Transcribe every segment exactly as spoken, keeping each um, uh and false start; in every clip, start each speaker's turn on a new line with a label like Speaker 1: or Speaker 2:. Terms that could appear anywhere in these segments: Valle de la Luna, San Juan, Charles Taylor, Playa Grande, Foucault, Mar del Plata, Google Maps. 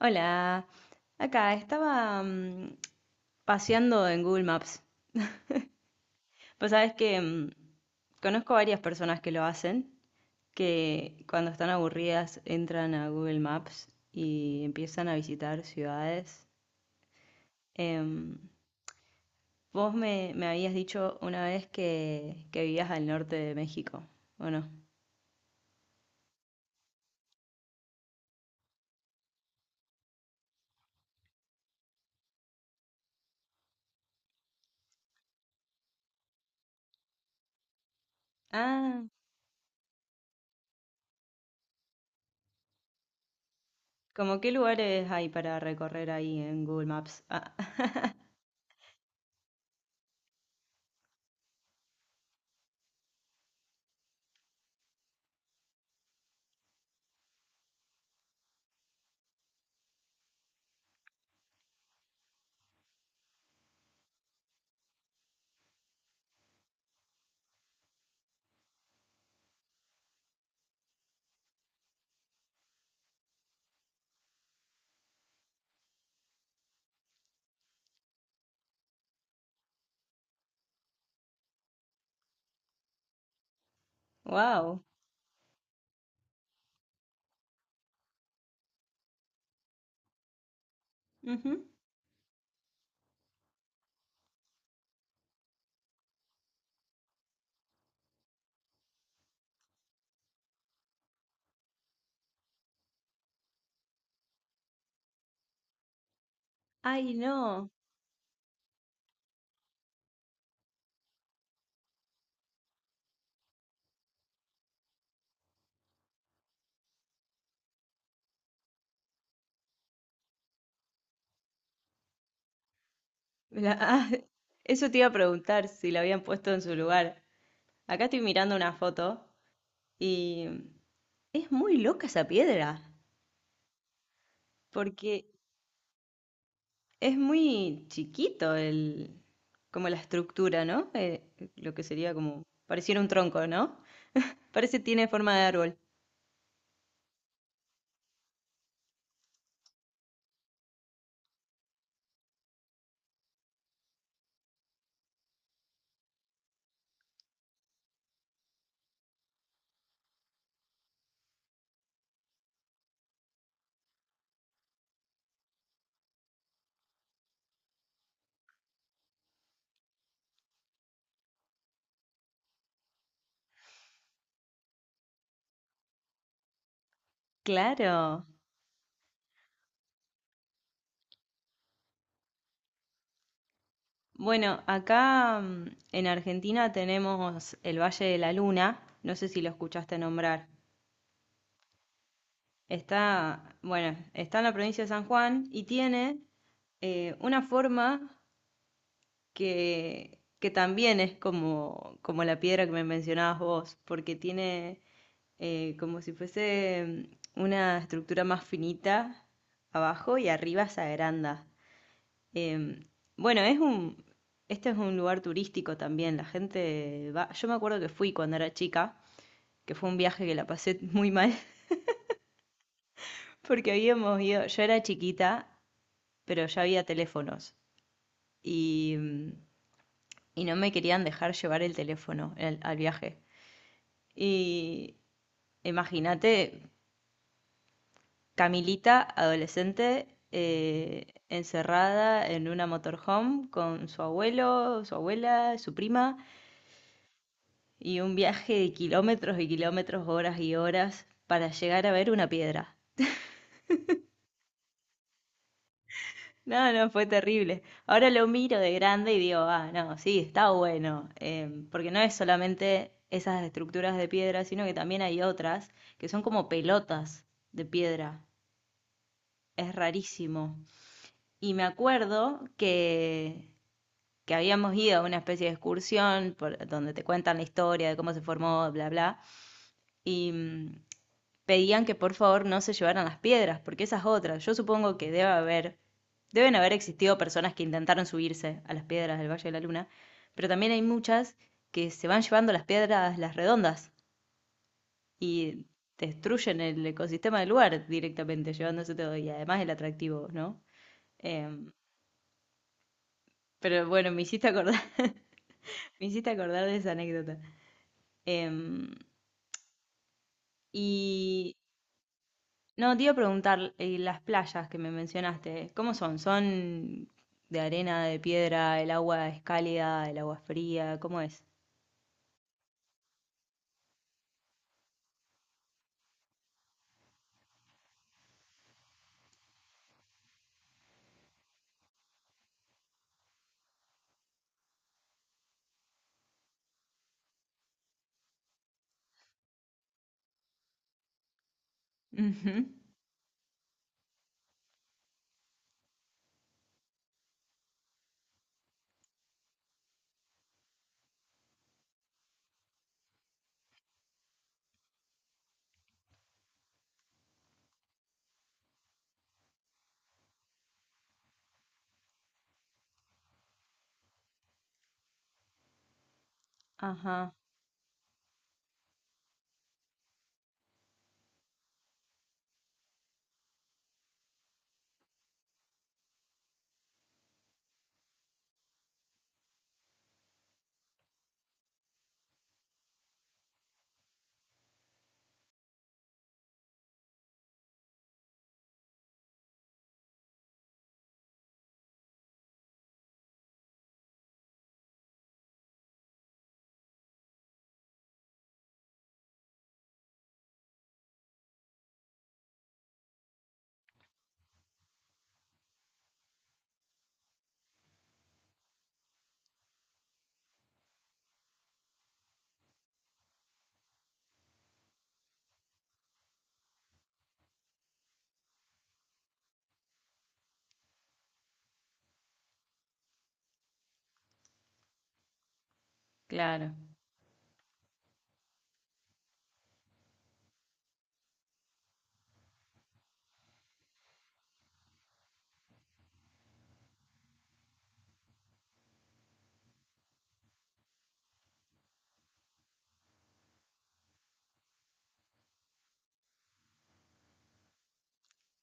Speaker 1: Hola, acá estaba mm, paseando en Google Maps. Pues sabes que mm, conozco varias personas que lo hacen, que cuando están aburridas entran a Google Maps y empiezan a visitar ciudades. Em, vos me, me habías dicho una vez que, que vivías al norte de México, ¿o no? Ah, ¿cómo qué lugares hay para recorrer ahí en Google Maps? Ah, wow. Ay, no. La- ah, eso te iba a preguntar si la habían puesto en su lugar. Acá estoy mirando una foto y es muy loca esa piedra, porque es muy chiquito el, como la estructura, ¿no? Eh, lo que sería como, pareciera un tronco, ¿no? Parece tiene forma de árbol. Claro. Bueno, acá mm, en Argentina tenemos el Valle de la Luna, no sé si lo escuchaste nombrar. Está, bueno, está en la provincia de San Juan y tiene eh, una forma que, que también es como, como la piedra que me mencionabas vos, porque tiene eh, como si fuese mm, una estructura más finita abajo y arriba se agranda. Em, bueno, es un, este es un lugar turístico también, la gente va, yo me acuerdo que fui cuando era chica, que fue un viaje que la pasé muy mal. Porque habíamos ido, yo era chiquita pero ya había teléfonos y, mm, y no me querían dejar llevar el teléfono el- al viaje. Y imagínate, Camilita, adolescente, eh, encerrada en una motorhome con su abuelo, su abuela, su prima, y un viaje de kilómetros y kilómetros, horas y horas para llegar a ver una piedra. No, no, fue terrible. Ahora lo miro de grande y digo, ah, no, sí, está bueno, em, porque no es solamente esas estructuras de piedra, sino que también hay otras que son como pelotas de piedra. Es rarísimo. Y me acuerdo que, que habíamos ido a una especie de excursión por, donde te cuentan la historia de cómo se formó, bla, bla. Y mm, pedían que por favor no se llevaran las piedras, porque esas otras, yo supongo que debe haber, deben haber existido personas que intentaron subirse a las piedras del Valle de la Luna, pero también hay muchas que se van llevando las piedras, las redondas, y destruyen el ecosistema del lugar directamente, llevándose todo, y además el atractivo, ¿no? Em, pero bueno, me hiciste acordar, me hiciste acordar de esa anécdota. Em, y no, te iba a preguntar, eh, las playas que me mencionaste, ¿cómo son? ¿Son de arena, de piedra, el agua es cálida, el agua es fría? ¿Cómo es? Ujú. Ajá, claro.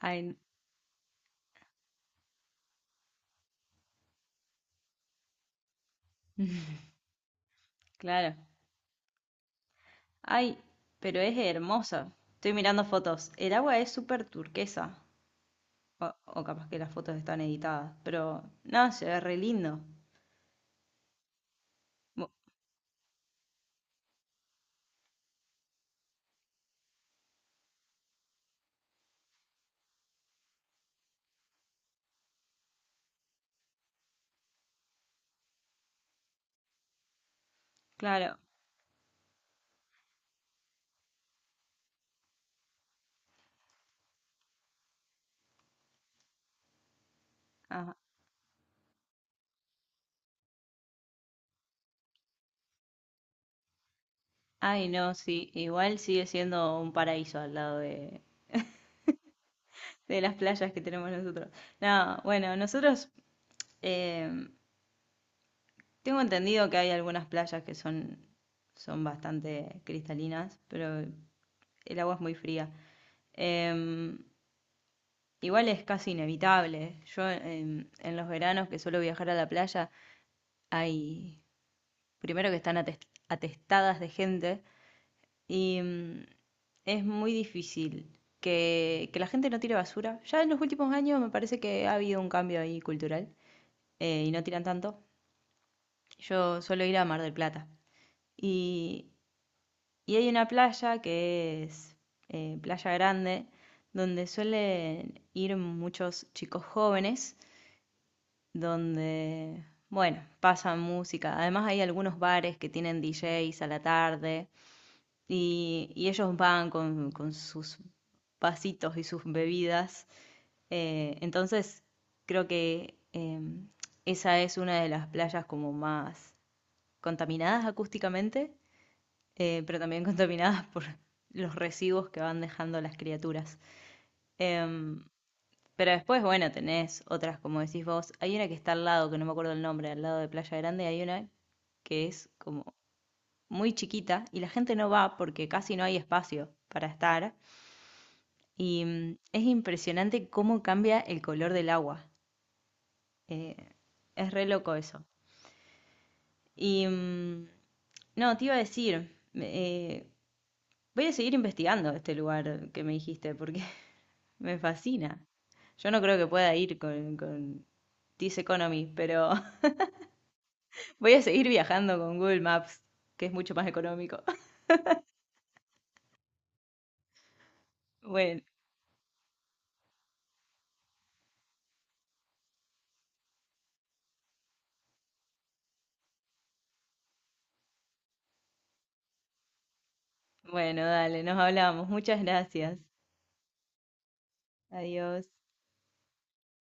Speaker 1: Ay, claro. Ay, pero es hermosa. Estoy mirando fotos. El agua es súper turquesa. O, o capaz que las fotos están editadas, pero no, se ve re lindo. Bu- claro. Ajá. Ay, no, sí. Igual sigue siendo un paraíso al lado de, de las playas que tenemos nosotros. No, bueno, nosotros eh, tengo entendido que hay algunas playas que son, son bastante cristalinas, pero el agua es muy fría. Eh, igual es casi inevitable. Yo em, en los veranos que suelo viajar a la playa, hay, primero que están ates- atestadas de gente y mm, es muy difícil que, que la gente no tire basura. Ya en los últimos años me parece que ha habido un cambio ahí cultural. eh, y no tiran tanto. Yo suelo ir a Mar del Plata. Y, y hay una playa que es eh, Playa Grande, donde suelen ir muchos chicos jóvenes, donde, bueno, pasan música. Además hay algunos bares que tienen D Js a la tarde y, y ellos van con, con sus vasitos y sus bebidas. Eh, entonces, creo que eh, esa es una de las playas como más contaminadas acústicamente, eh, pero también contaminadas por los residuos que van dejando las criaturas. Em, pero después, bueno, tenés otras, como decís vos. Hay una que está al lado, que no me acuerdo el nombre, al lado de Playa Grande, hay una que es como muy chiquita y la gente no va porque casi no hay espacio para estar. Y mm, es impresionante cómo cambia el color del agua. Eh, es re loco eso. Y mm, no, te iba a decir, eh, voy a seguir investigando este lugar que me dijiste porque me fascina. Yo no creo que pueda ir con, con This Economy, pero voy a seguir viajando con Google Maps, que es mucho más económico. Bueno, bueno, dale, nos hablamos. Muchas gracias. Adiós.